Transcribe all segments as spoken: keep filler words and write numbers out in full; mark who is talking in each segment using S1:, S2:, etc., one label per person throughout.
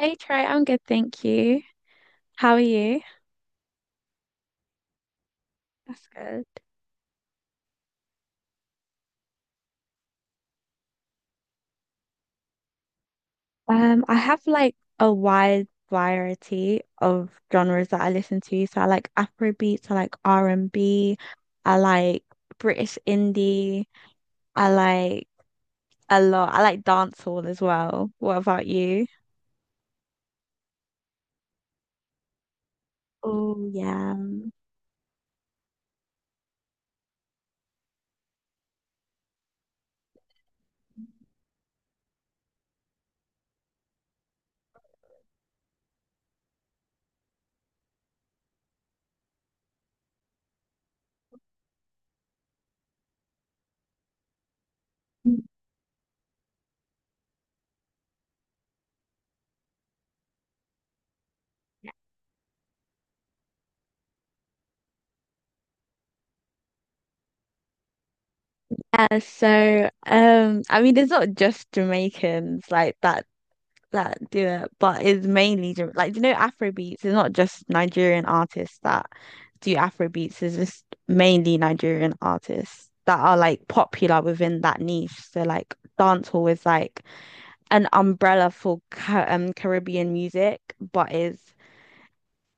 S1: Hey Trey, I'm good, thank you. How are you? That's good. Um, I have like a wide variety of genres that I listen to. So I like Afrobeats, I like r and B. I like British indie, I like a lot. I like dancehall as well. What about you? Oh yeah. Yeah, so um, I mean, it's not just Jamaicans like that that do it, but it's mainly Jama- like you know Afrobeats. It's not just Nigerian artists that do Afrobeats. It's just mainly Nigerian artists that are like popular within that niche. So like dancehall is like an umbrella for Ca um Caribbean music, but is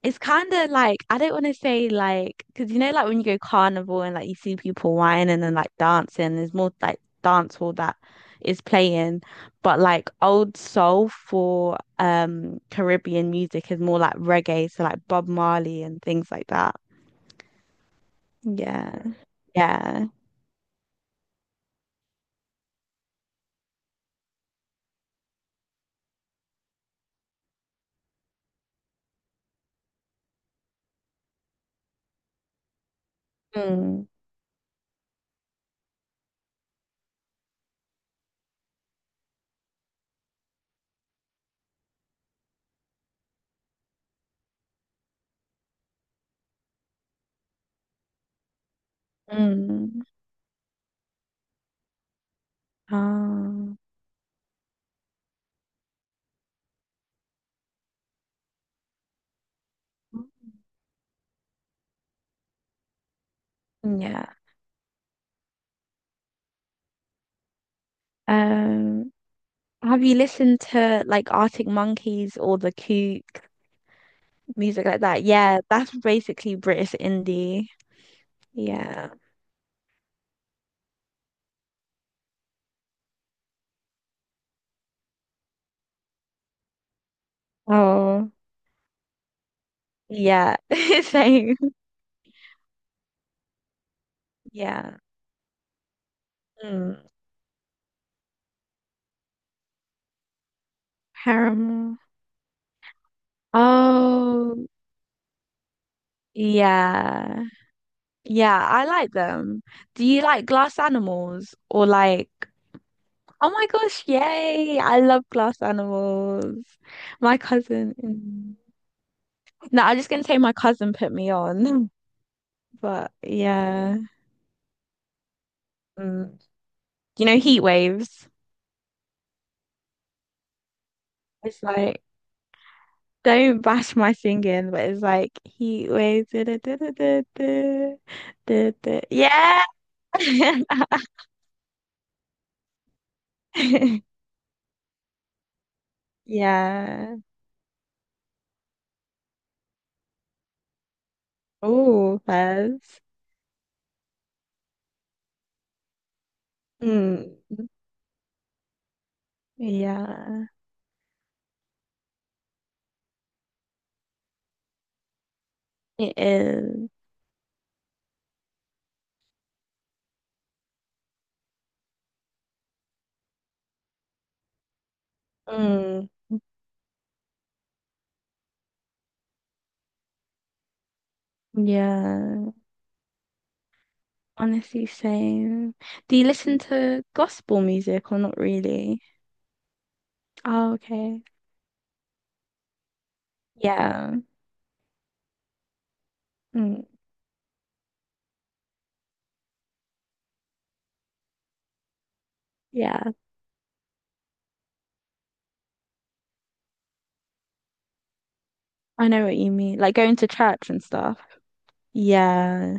S1: it's kind of like I don't want to say like because you know like when you go carnival and like you see people whining and then like dancing, there's more like dance hall that is playing, but like old soul for um Caribbean music is more like reggae, so like Bob Marley and things like that. Yeah, yeah. Mm. Mm. Um, yeah. Um, have you listened to like Arctic Monkeys or The Kook? Music like that. Yeah, that's basically British indie. Yeah. Oh, yeah. Same. Yeah. Mm. Paramore. Oh, yeah. Yeah, I like them. Do you like glass animals or like? Oh my gosh, yay! I love glass animals. My cousin. Mm. No, I'm just gonna say my cousin put me on. But yeah. Mm. Do you know heat waves? It's like, don't bash my singing, but it's like heat waves. Da- da- da- da- da- da- da- da- Yeah. Yeah. Oh, Fez. Mm. Yeah. It is. Mm. Yeah. Honestly, same. Do you listen to gospel music or not really? Oh, okay. Yeah. Mm. Yeah. I know what you mean. Like going to church and stuff. Yeah.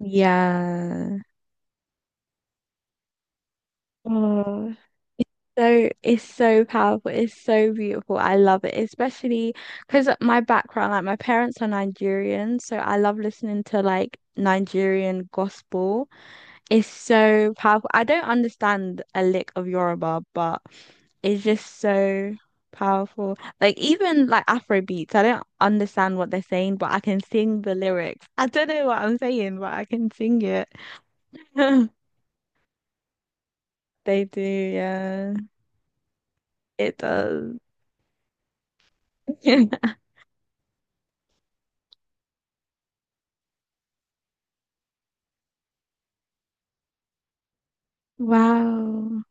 S1: Yeah. Oh. So it's so powerful. It's so beautiful. I love it, especially because my background, like my parents are Nigerian, so I love listening to like Nigerian gospel. It's so powerful. I don't understand a lick of Yoruba, but it's just so powerful. Like even like Afro beats, I don't understand what they're saying, but I can sing the lyrics. I don't know what I'm saying, but I can sing it. They do, yeah. It does. Wow.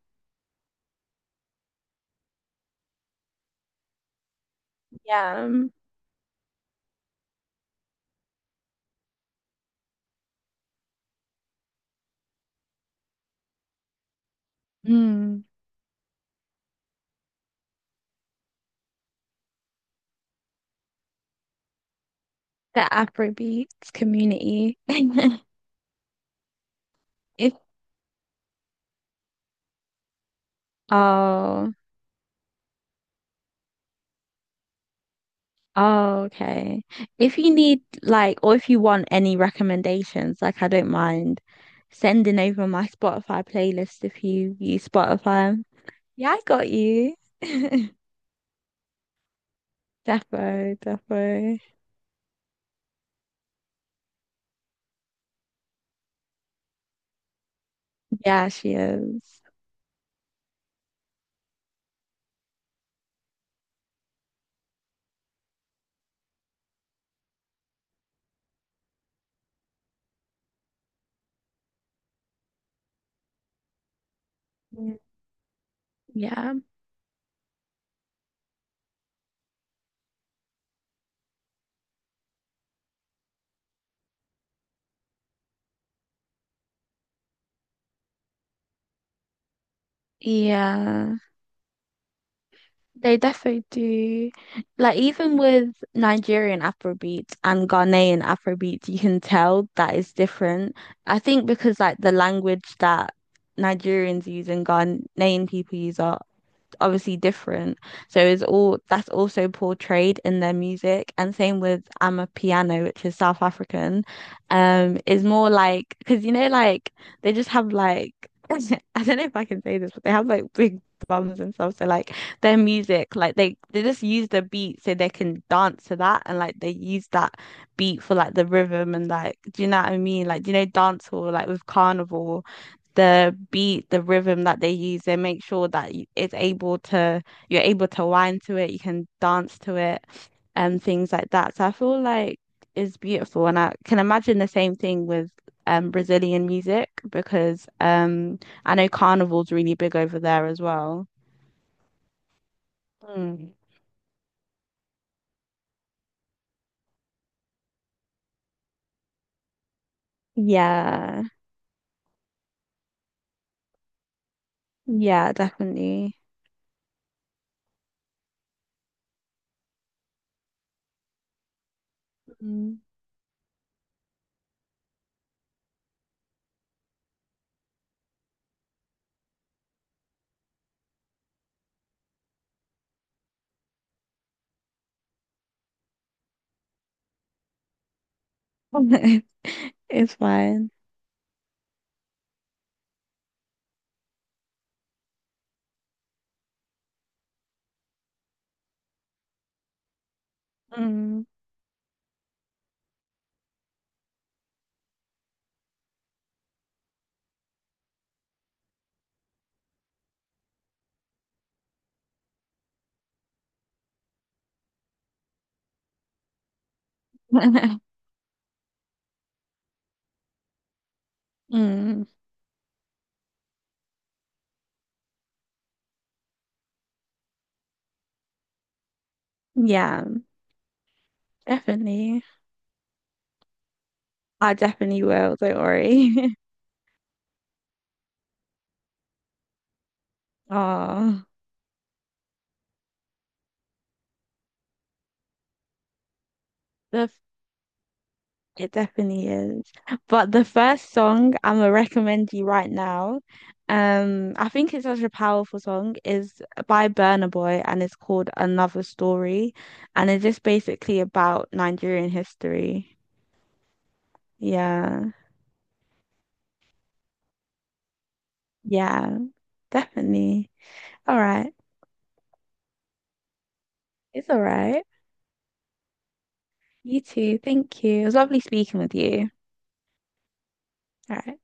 S1: Yeah. Um, mm, the Afrobeats community. If oh, oh, okay. If you need like, or if you want any recommendations, like I don't mind sending over my Spotify playlist if you use Spotify. Yeah, I got you. Defo, defo. Yeah, she is. Yeah. Yeah. They definitely do. Like even with Nigerian Afrobeats and Ghanaian Afrobeats, you can tell that it's different. I think because like the language that Nigerians use and Ghanaian people use are obviously different. So it's all that's also portrayed in their music. And same with Amapiano, which is South African, um, is more like because you know, like they just have like I don't know if I can say this, but they have like big bums and stuff. So like their music, like they they just use the beat so they can dance to that, and like they use that beat for like the rhythm and like, do you know what I mean? Like do you know dance hall like with carnival the beat, the rhythm that they use, and make sure that y- it's able to, you're able to whine to it, you can dance to it, and things like that. So I feel like it's beautiful, and I can imagine the same thing with um Brazilian music because um I know carnival's really big over there as well. Mm. Yeah, yeah, definitely. Mm. It's fine. Mm. Mm. Yeah, definitely. I definitely will, don't worry. Oh, the f- it definitely is. But the first song I'm gonna recommend you right now, um, I think it's such a powerful song, is by Burna Boy and it's called Another Story. And it's just basically about Nigerian history. Yeah. Yeah, definitely. All right. It's all right. You too. Thank you. It was lovely speaking with you. All right.